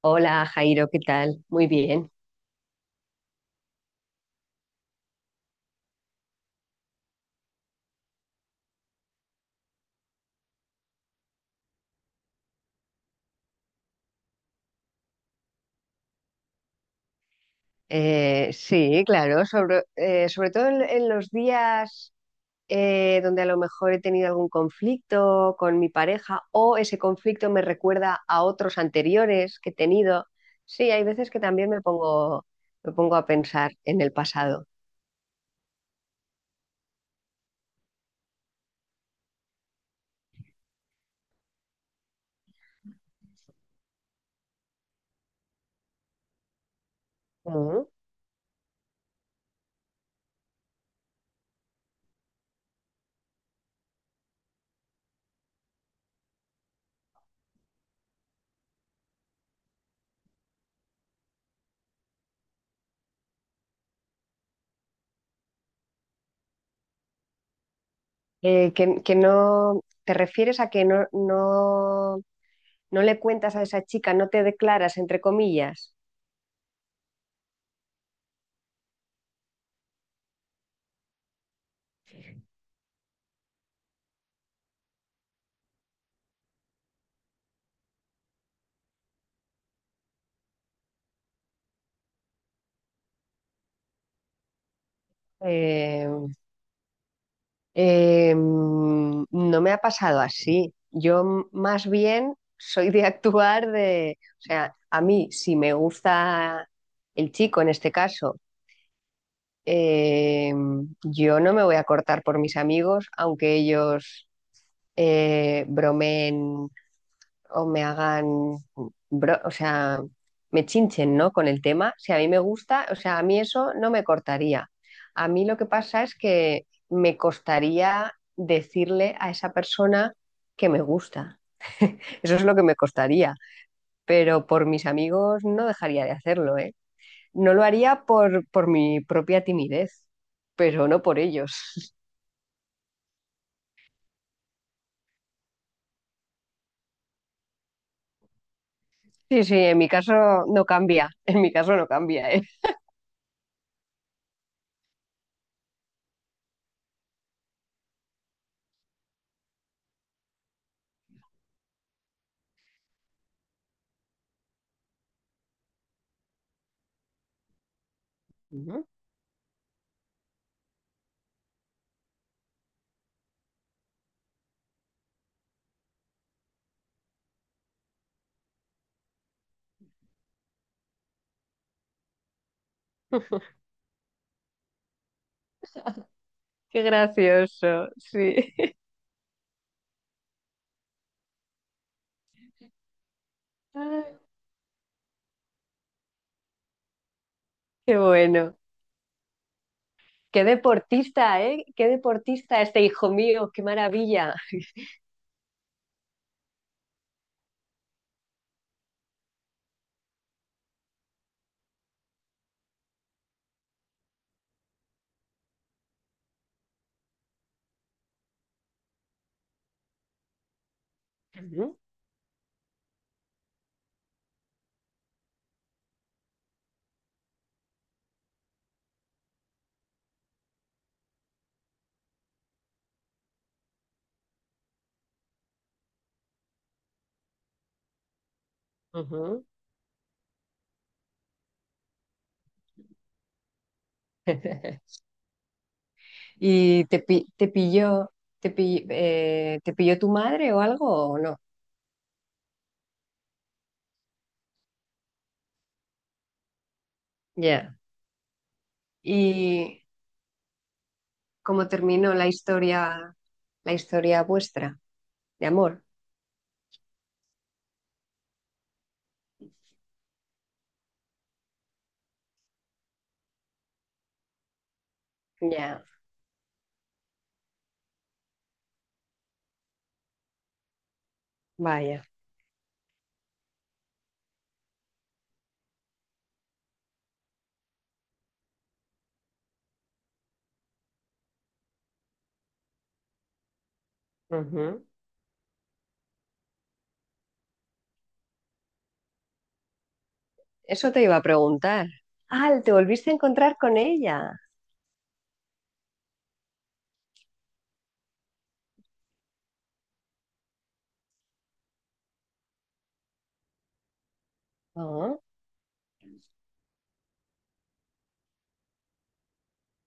Hola Jairo, ¿qué tal? Muy bien. Sí, claro, sobre, sobre todo en los días donde a lo mejor he tenido algún conflicto con mi pareja o ese conflicto me recuerda a otros anteriores que he tenido. Sí, hay veces que también me pongo a pensar en el pasado. Ujú. ¿Que no, ¿te refieres a que no, no, no le cuentas a esa chica, no te declaras, entre comillas? No me ha pasado así. Yo más bien soy de actuar de, o sea, a mí si me gusta el chico en este caso, eh, yo no me voy a cortar por mis amigos, aunque ellos bromeen o me hagan, o sea, me chinchen, ¿no? Con el tema. Si a mí me gusta, o sea, a mí eso no me cortaría. A mí lo que pasa es que me costaría decirle a esa persona que me gusta. Eso es lo que me costaría. Pero por mis amigos no dejaría de hacerlo, ¿eh? No lo haría por mi propia timidez, pero no por ellos. Sí, sí, en mi caso no cambia. En mi caso no cambia, ¿eh? Ujú. Qué gracioso, sí. Ay, qué bueno. Qué deportista, ¿eh? Qué deportista este hijo mío, qué maravilla. Ujú, ujú. ¿Y te pilló, te pilló tu madre o algo o no? Ya. ¿Y cómo terminó la historia vuestra de amor? Ya, vaya. Ujú. Eso te iba a preguntar. Ah, te volviste a encontrar con ella. Ah,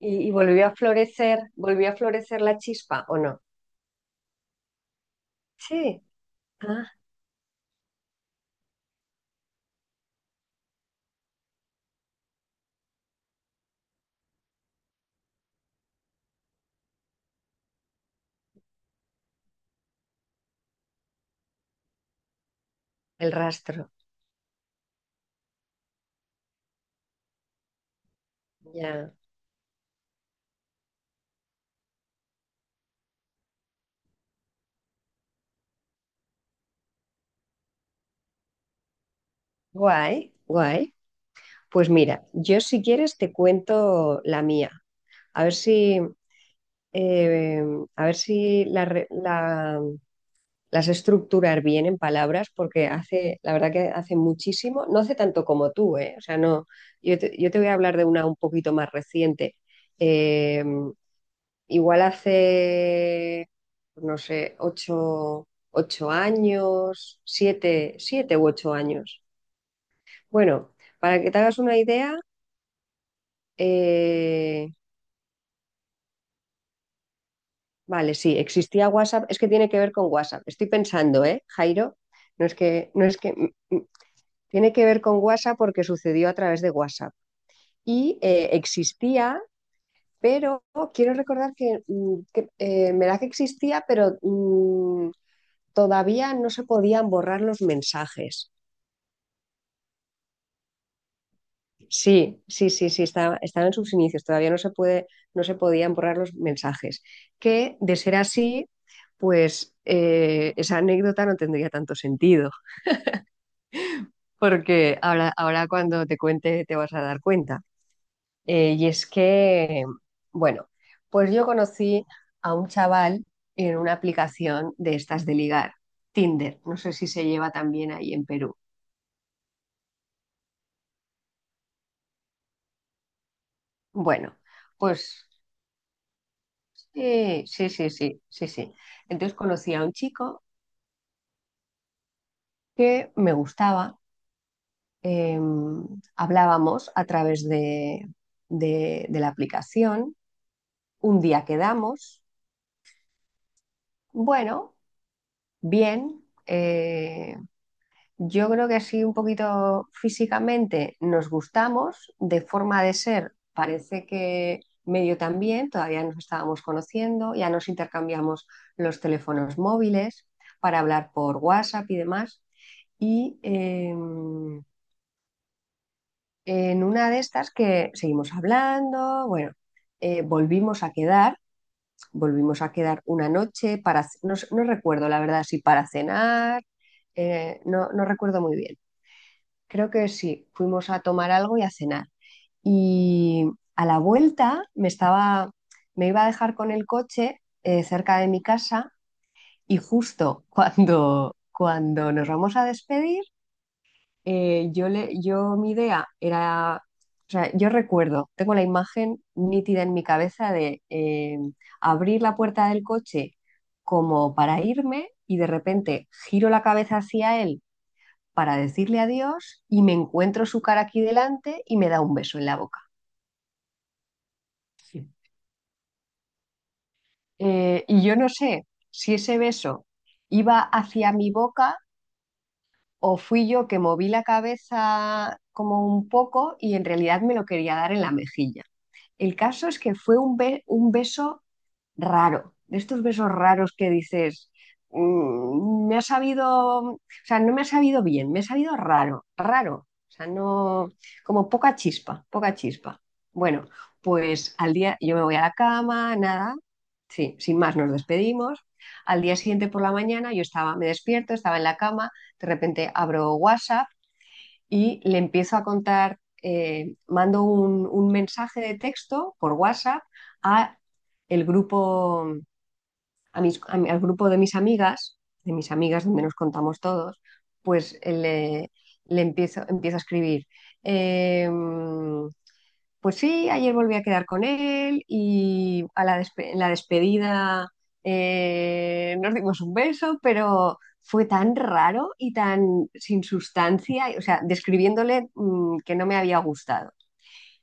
¿y, y volvió a florecer la chispa o no? Sí, ah, el rastro, ya. Guay, guay. Pues mira, yo si quieres te cuento la mía. A ver eh, a ver si las estructurar bien en palabras, porque hace, la verdad que hace muchísimo, no hace tanto como tú, ¿eh? O sea, no, yo te voy a hablar de una un poquito más reciente. Eh, Igual hace, pues no sé, ocho, ocho años, siete, siete u ocho años. Bueno, para que te hagas una idea, eh, vale, sí, existía WhatsApp, es que tiene que ver con WhatsApp. Estoy pensando, ¿eh, Jairo? No es que, no es que, mm, mm, tiene que ver con WhatsApp porque sucedió a través de WhatsApp. Y existía, pero quiero recordar que me da que existía, pero... mm, todavía no se podían borrar los mensajes. Sí, sí, sí, sí, están en sus inicios, todavía no se puede, no se podían borrar los mensajes. Que de ser así, pues esa anécdota no tendría tanto sentido, porque ahora, ahora cuando te cuente te vas a dar cuenta. Y es que, bueno, pues yo conocí a un chaval en una aplicación de estas de ligar, Tinder, no sé si se lleva también ahí en Perú. Bueno, pues sí, sí, sí, sí, sí, sí. Entonces conocí a un chico que me gustaba. eh, Hablábamos a través de, de la aplicación. Un día quedamos, bueno, bien. Eh, yo creo que sí, un poquito físicamente nos gustamos, de forma de ser parece que medio también, todavía nos estábamos conociendo, ya nos intercambiamos los teléfonos móviles para hablar por WhatsApp y demás. Y en una de estas que seguimos hablando, bueno, eh, volvimos a quedar, volvimos a quedar una noche para, ce- no, s- no recuerdo la verdad si para cenar, no, no recuerdo muy bien. Creo que sí, fuimos a tomar algo y a cenar. Y a la vuelta me estaba, me iba a dejar con el coche cerca de mi casa y justo cuando, cuando nos vamos a despedir, yo mi idea era, o sea, yo recuerdo, tengo la imagen nítida en mi cabeza de abrir la puerta del coche como para irme y de repente giro la cabeza hacia él para decirle adiós y me encuentro su cara aquí delante y me da un beso en la boca. Sí. Y yo no sé si ese beso iba hacia mi boca o fui yo que moví la cabeza como un poco y en realidad me lo quería dar en la mejilla. El caso es que fue un beso raro, de estos besos raros que dices, mm, me ha sabido, o sea, no me ha sabido bien, me ha sabido raro, raro, o sea, no, como poca chispa, poca chispa. Bueno, pues al día, yo me voy a la cama, nada, sí, sin más nos despedimos. Al día siguiente por la mañana me despierto, estaba en la cama, de repente abro WhatsApp y le empiezo a contar, mando un mensaje de texto por WhatsApp a el grupo a mis- a mi- al grupo de mis amigas donde nos contamos todos, pues eh, le, empiezo a escribir. em, pues sí, ayer volví a quedar con él y en la despedida nos dimos un beso, pero fue tan raro y tan sin sustancia, o sea, describiéndole que no me había gustado.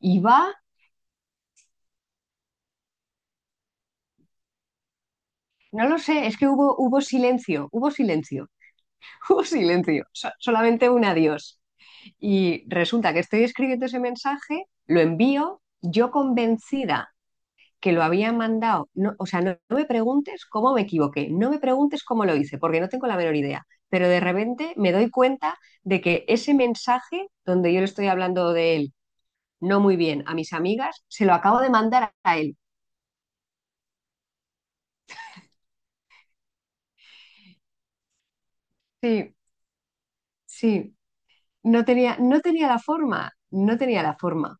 Y va, no lo sé, es que hubo, hubo silencio, hubo silencio, solamente un adiós. Y resulta que estoy escribiendo ese mensaje, lo envío, yo convencida que lo había mandado, no, o sea, no, no me preguntes cómo me equivoqué, no me preguntes cómo lo hice, porque no tengo la menor idea, pero de repente me doy cuenta de que ese mensaje donde yo le estoy hablando de él no muy bien a mis amigas, se lo acabo de mandar a él. Sí, sí, no tenía, no tenía la forma, no tenía la forma.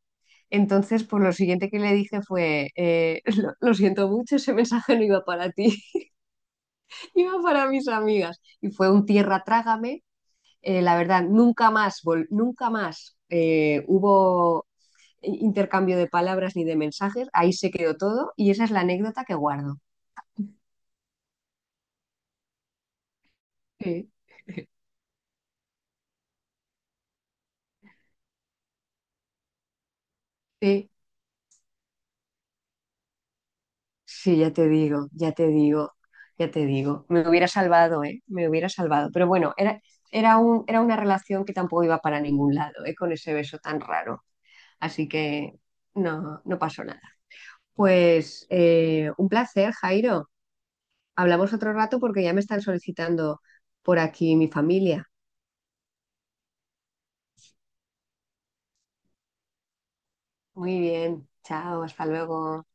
Entonces, pues lo siguiente que le dije fue, lo siento mucho, ese mensaje no iba para ti. Iba para mis amigas. Y fue un tierra trágame. La verdad, nunca más hubo intercambio de palabras ni de mensajes. Ahí se quedó todo y esa es la anécdota que guardo. Sí, sí. Sí, ya te digo, ya te digo, ya te digo. Me hubiera salvado, ¿eh? Me hubiera salvado. Pero bueno, era un, era una relación que tampoco iba para ningún lado, ¿eh? Con ese beso tan raro. Así que no, no pasó nada. Pues un placer, Jairo. Hablamos otro rato porque ya me están solicitando por aquí mi familia. Muy bien, chao, hasta luego.